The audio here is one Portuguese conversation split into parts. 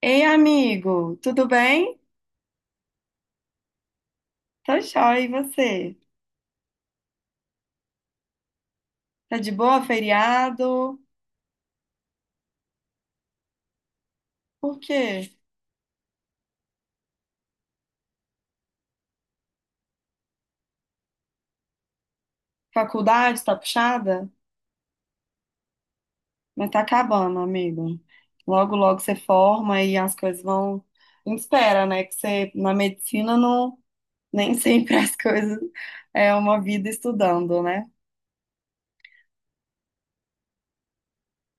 Ei, amigo, tudo bem? Tá jóia, e você? Tá de boa, feriado? Por quê? Faculdade tá puxada? Mas tá acabando, amigo. Logo, logo você forma e as coisas vão. A gente espera, né? Que você, na medicina, não nem sempre as coisas é uma vida estudando, né?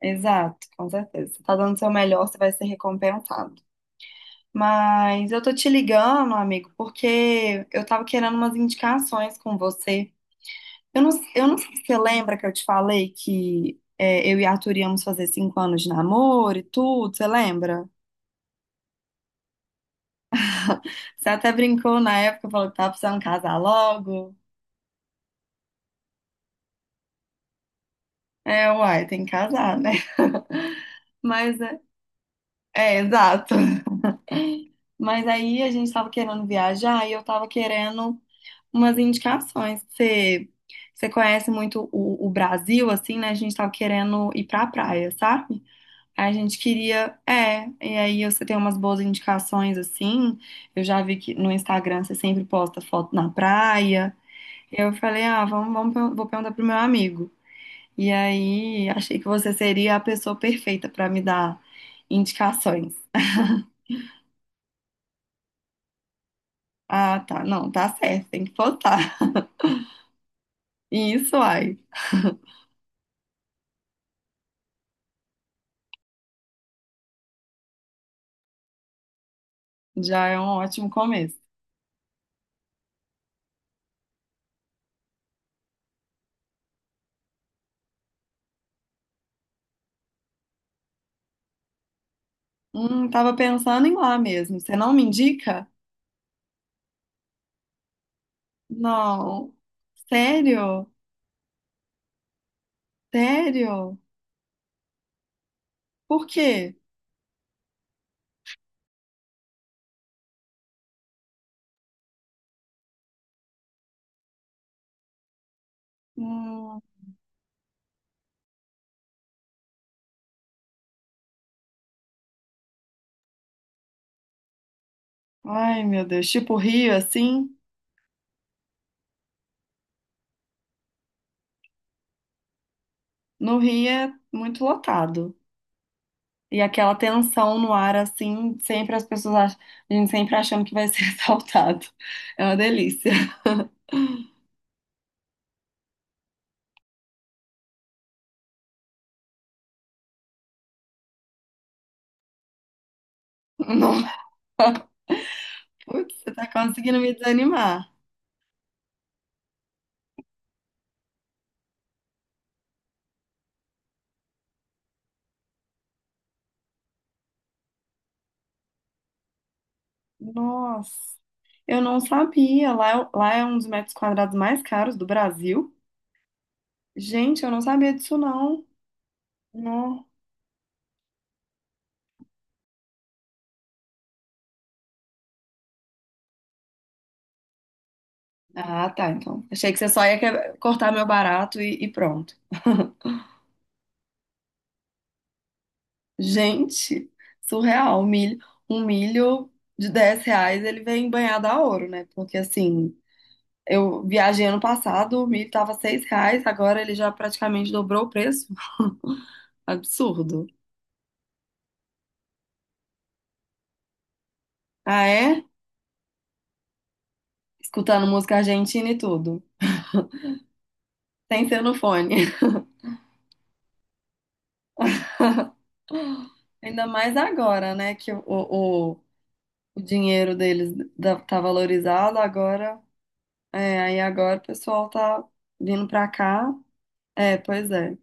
Exato, com certeza. Você tá dando o seu melhor, você vai ser recompensado. Mas eu tô te ligando, amigo, porque eu tava querendo umas indicações com você. Eu não sei se você lembra que eu te falei que é, eu e Arthur íamos fazer 5 anos de namoro e tudo, você lembra? Você até brincou na época, falou que tava precisando casar logo. É, uai, tem que casar, né? Mas é, exato. Mas aí a gente tava querendo viajar e eu tava querendo umas indicações. Você conhece muito o Brasil, assim, né? A gente tava querendo ir pra praia, sabe? A gente queria, e aí você tem umas boas indicações assim. Eu já vi que no Instagram você sempre posta foto na praia. Eu falei, ah, vamos, vamos, vou perguntar pro meu amigo. E aí achei que você seria a pessoa perfeita para me dar indicações. Ah, tá, não, tá certo, tem que postar. E isso aí, já é um ótimo começo. Tava pensando em lá mesmo. Você não me indica? Não. Sério? Sério? Por quê? Hum, ai, meu Deus. Tipo, o Rio, assim, no Rio é muito lotado. E aquela tensão no ar, assim, sempre as pessoas acham, a gente sempre achando que vai ser assaltado. É uma delícia. Não, putz, você tá conseguindo me desanimar. Nossa, eu não sabia. Lá, lá é um dos metros quadrados mais caros do Brasil. Gente, eu não sabia disso, não. Não. Ah, tá, então. Achei que você só ia cortar meu barato e pronto. Gente, surreal. Um milho de R$ 10, ele vem banhado a ouro, né? Porque assim, eu viajei ano passado, o milho tava R$ 6, agora ele já praticamente dobrou o preço. Absurdo. Ah, é? Escutando música argentina e tudo. Sem ser no fone. Ainda mais agora, né? Que o dinheiro deles tá valorizado agora. É, aí agora o pessoal tá vindo pra cá. É, pois é.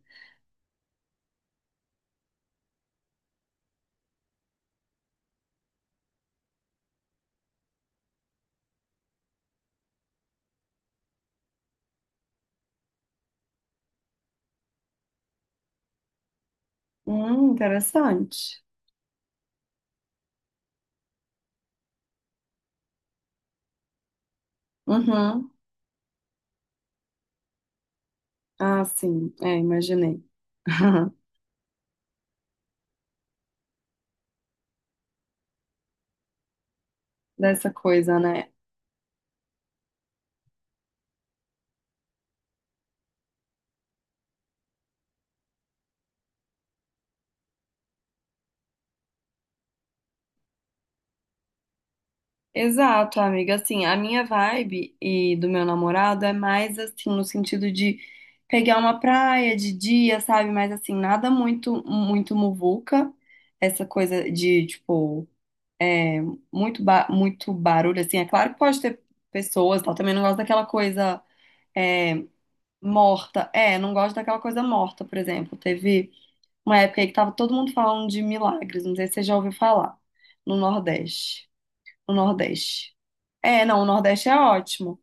Interessante. Uhum. Ah, sim. É, imaginei. Dessa coisa, né? Exato, amiga. Assim, a minha vibe e do meu namorado é mais assim, no sentido de pegar uma praia de dia, sabe? Mas assim, nada muito, muito muvuca. Essa coisa de, tipo, é, muito, ba muito barulho, assim. É claro que pode ter pessoas, tal. Também não gosto daquela coisa é, morta. É, não gosto daquela coisa morta, por exemplo. Teve. Uma época aí que tava todo mundo falando de milagres, não sei se você já ouviu falar, no Nordeste. No Nordeste. É, não, o Nordeste é ótimo.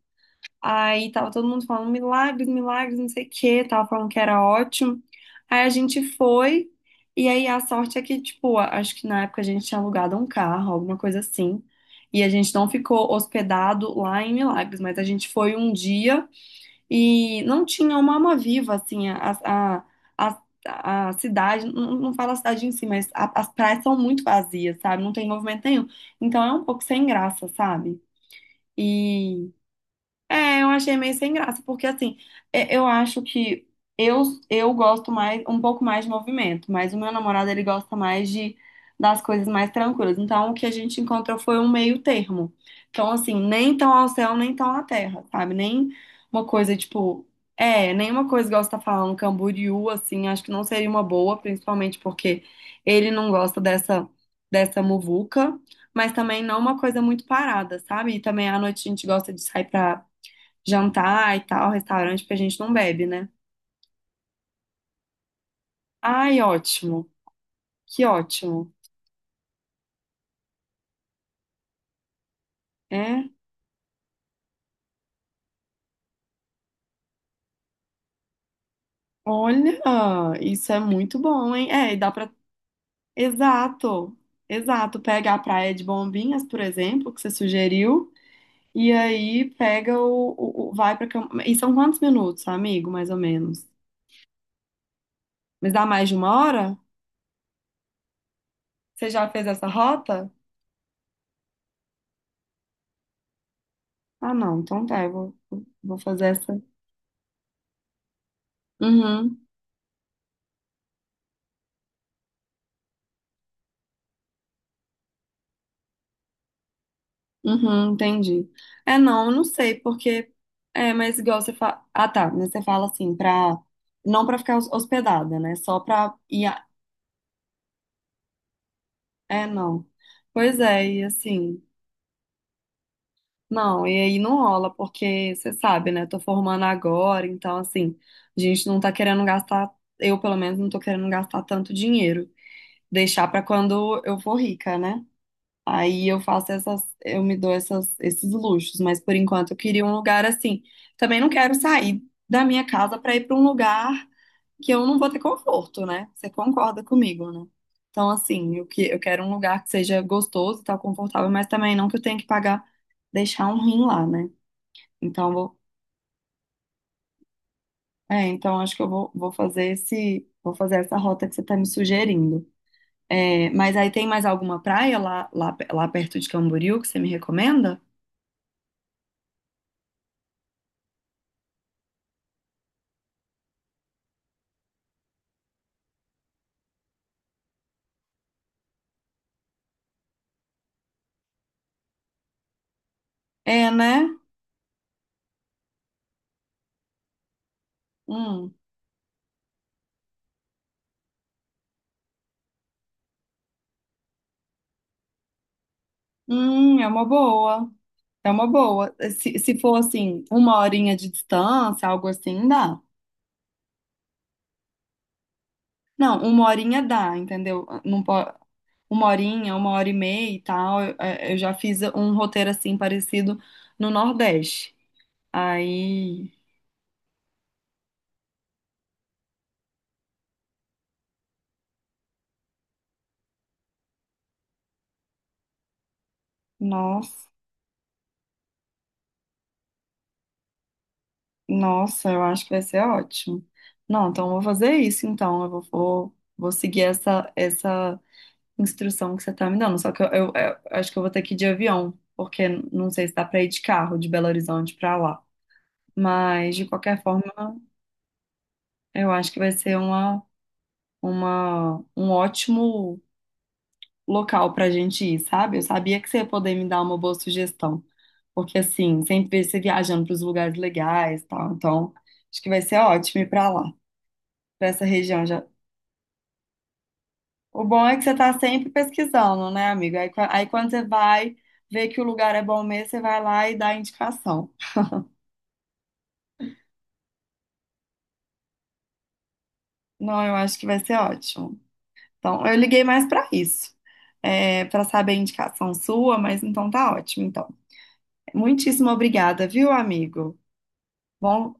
Aí tava todo mundo falando milagres, milagres, não sei o quê, tava falando que era ótimo. Aí a gente foi, e aí a sorte é que, tipo, acho que na época a gente tinha alugado um carro, alguma coisa assim. E a gente não ficou hospedado lá em Milagres, mas a gente foi um dia. E não tinha uma alma viva, assim, a, a cidade, não, não falo a cidade em si, mas as praias são muito vazias, sabe? Não tem movimento nenhum. Então é um pouco sem graça, sabe? É, eu achei meio sem graça, porque assim, eu acho que eu, eu gosto mais, um pouco mais de movimento, mas o meu namorado, ele gosta mais das coisas mais tranquilas. Então, o que a gente encontrou foi um meio termo. Então, assim, nem tão ao céu, nem tão à terra, sabe? Nem uma coisa, tipo, nenhuma coisa igual você tá falando, Camboriú, assim, acho que não seria uma boa, principalmente porque ele não gosta dessa muvuca. Mas também não uma coisa muito parada, sabe? E também à noite a gente gosta de sair pra jantar e tal, restaurante, porque a gente não bebe, né? Ai, ótimo. Que ótimo. É. Olha, isso é muito bom, hein? É, e dá pra. Exato. Exato. Pega a praia de Bombinhas, por exemplo, que você sugeriu, e aí pega o. E são quantos minutos, amigo, mais ou menos? Mas dá mais de 1 hora? Você já fez essa rota? Ah, não. Então tá, eu vou fazer essa. Uhum. Uhum, entendi. É, não, eu não sei, porque. É, mas igual você fala. Ah, tá, mas você fala assim, pra. Não pra ficar hospedada, né? Só pra ir. É, não. Pois é, e assim. Não, e aí não rola, porque você sabe, né? Tô formando agora, então, assim. A gente não tá querendo gastar. Eu, pelo menos, não tô querendo gastar tanto dinheiro. Deixar pra quando eu for rica, né? Aí eu faço essas, eu me dou essas, esses luxos, mas por enquanto eu queria um lugar assim. Também não quero sair da minha casa para ir para um lugar que eu não vou ter conforto, né? Você concorda comigo, né? Então, assim, eu, eu quero um lugar que seja gostoso e tal, confortável, mas também não que eu tenha que pagar, deixar um rim lá, né? Então, então acho que eu vou fazer essa rota que você tá me sugerindo. É, mas aí tem mais alguma praia lá perto de Camboriú que você me recomenda? É, né? Hum, é uma boa. É uma boa. Se for assim, uma horinha de distância, algo assim, dá. Não, uma horinha dá, entendeu? Não pode, uma horinha, 1 hora e meia e tal. Eu já fiz um roteiro assim parecido no Nordeste. Aí, nossa, nossa, eu acho que vai ser ótimo. Não, então eu vou fazer isso então. Eu vou seguir essa instrução que você tá me dando. Só que eu acho que eu vou ter que ir de avião, porque não sei se dá pra ir de carro de Belo Horizonte pra lá. Mas, de qualquer forma, eu acho que vai ser um ótimo local pra gente ir, sabe? Eu sabia que você ia poder me dar uma boa sugestão. Porque, assim, sempre você viajando pros lugares legais e tal. Então, acho que vai ser ótimo ir pra lá, pra essa região. Já, o bom é que você tá sempre pesquisando, né, amiga? Aí, quando você vai ver que o lugar é bom mesmo, você vai lá e dá a indicação. Não, eu acho que vai ser ótimo. Então, eu liguei mais pra isso, para saber a indicação sua, mas então tá ótimo, então. Muitíssimo obrigada, viu, amigo? Bom,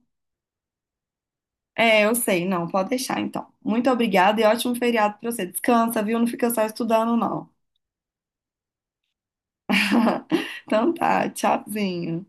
eu sei, não, pode deixar, então. Muito obrigada e ótimo feriado pra você. Descansa, viu? Não fica só estudando, não. Então tá, tchauzinho.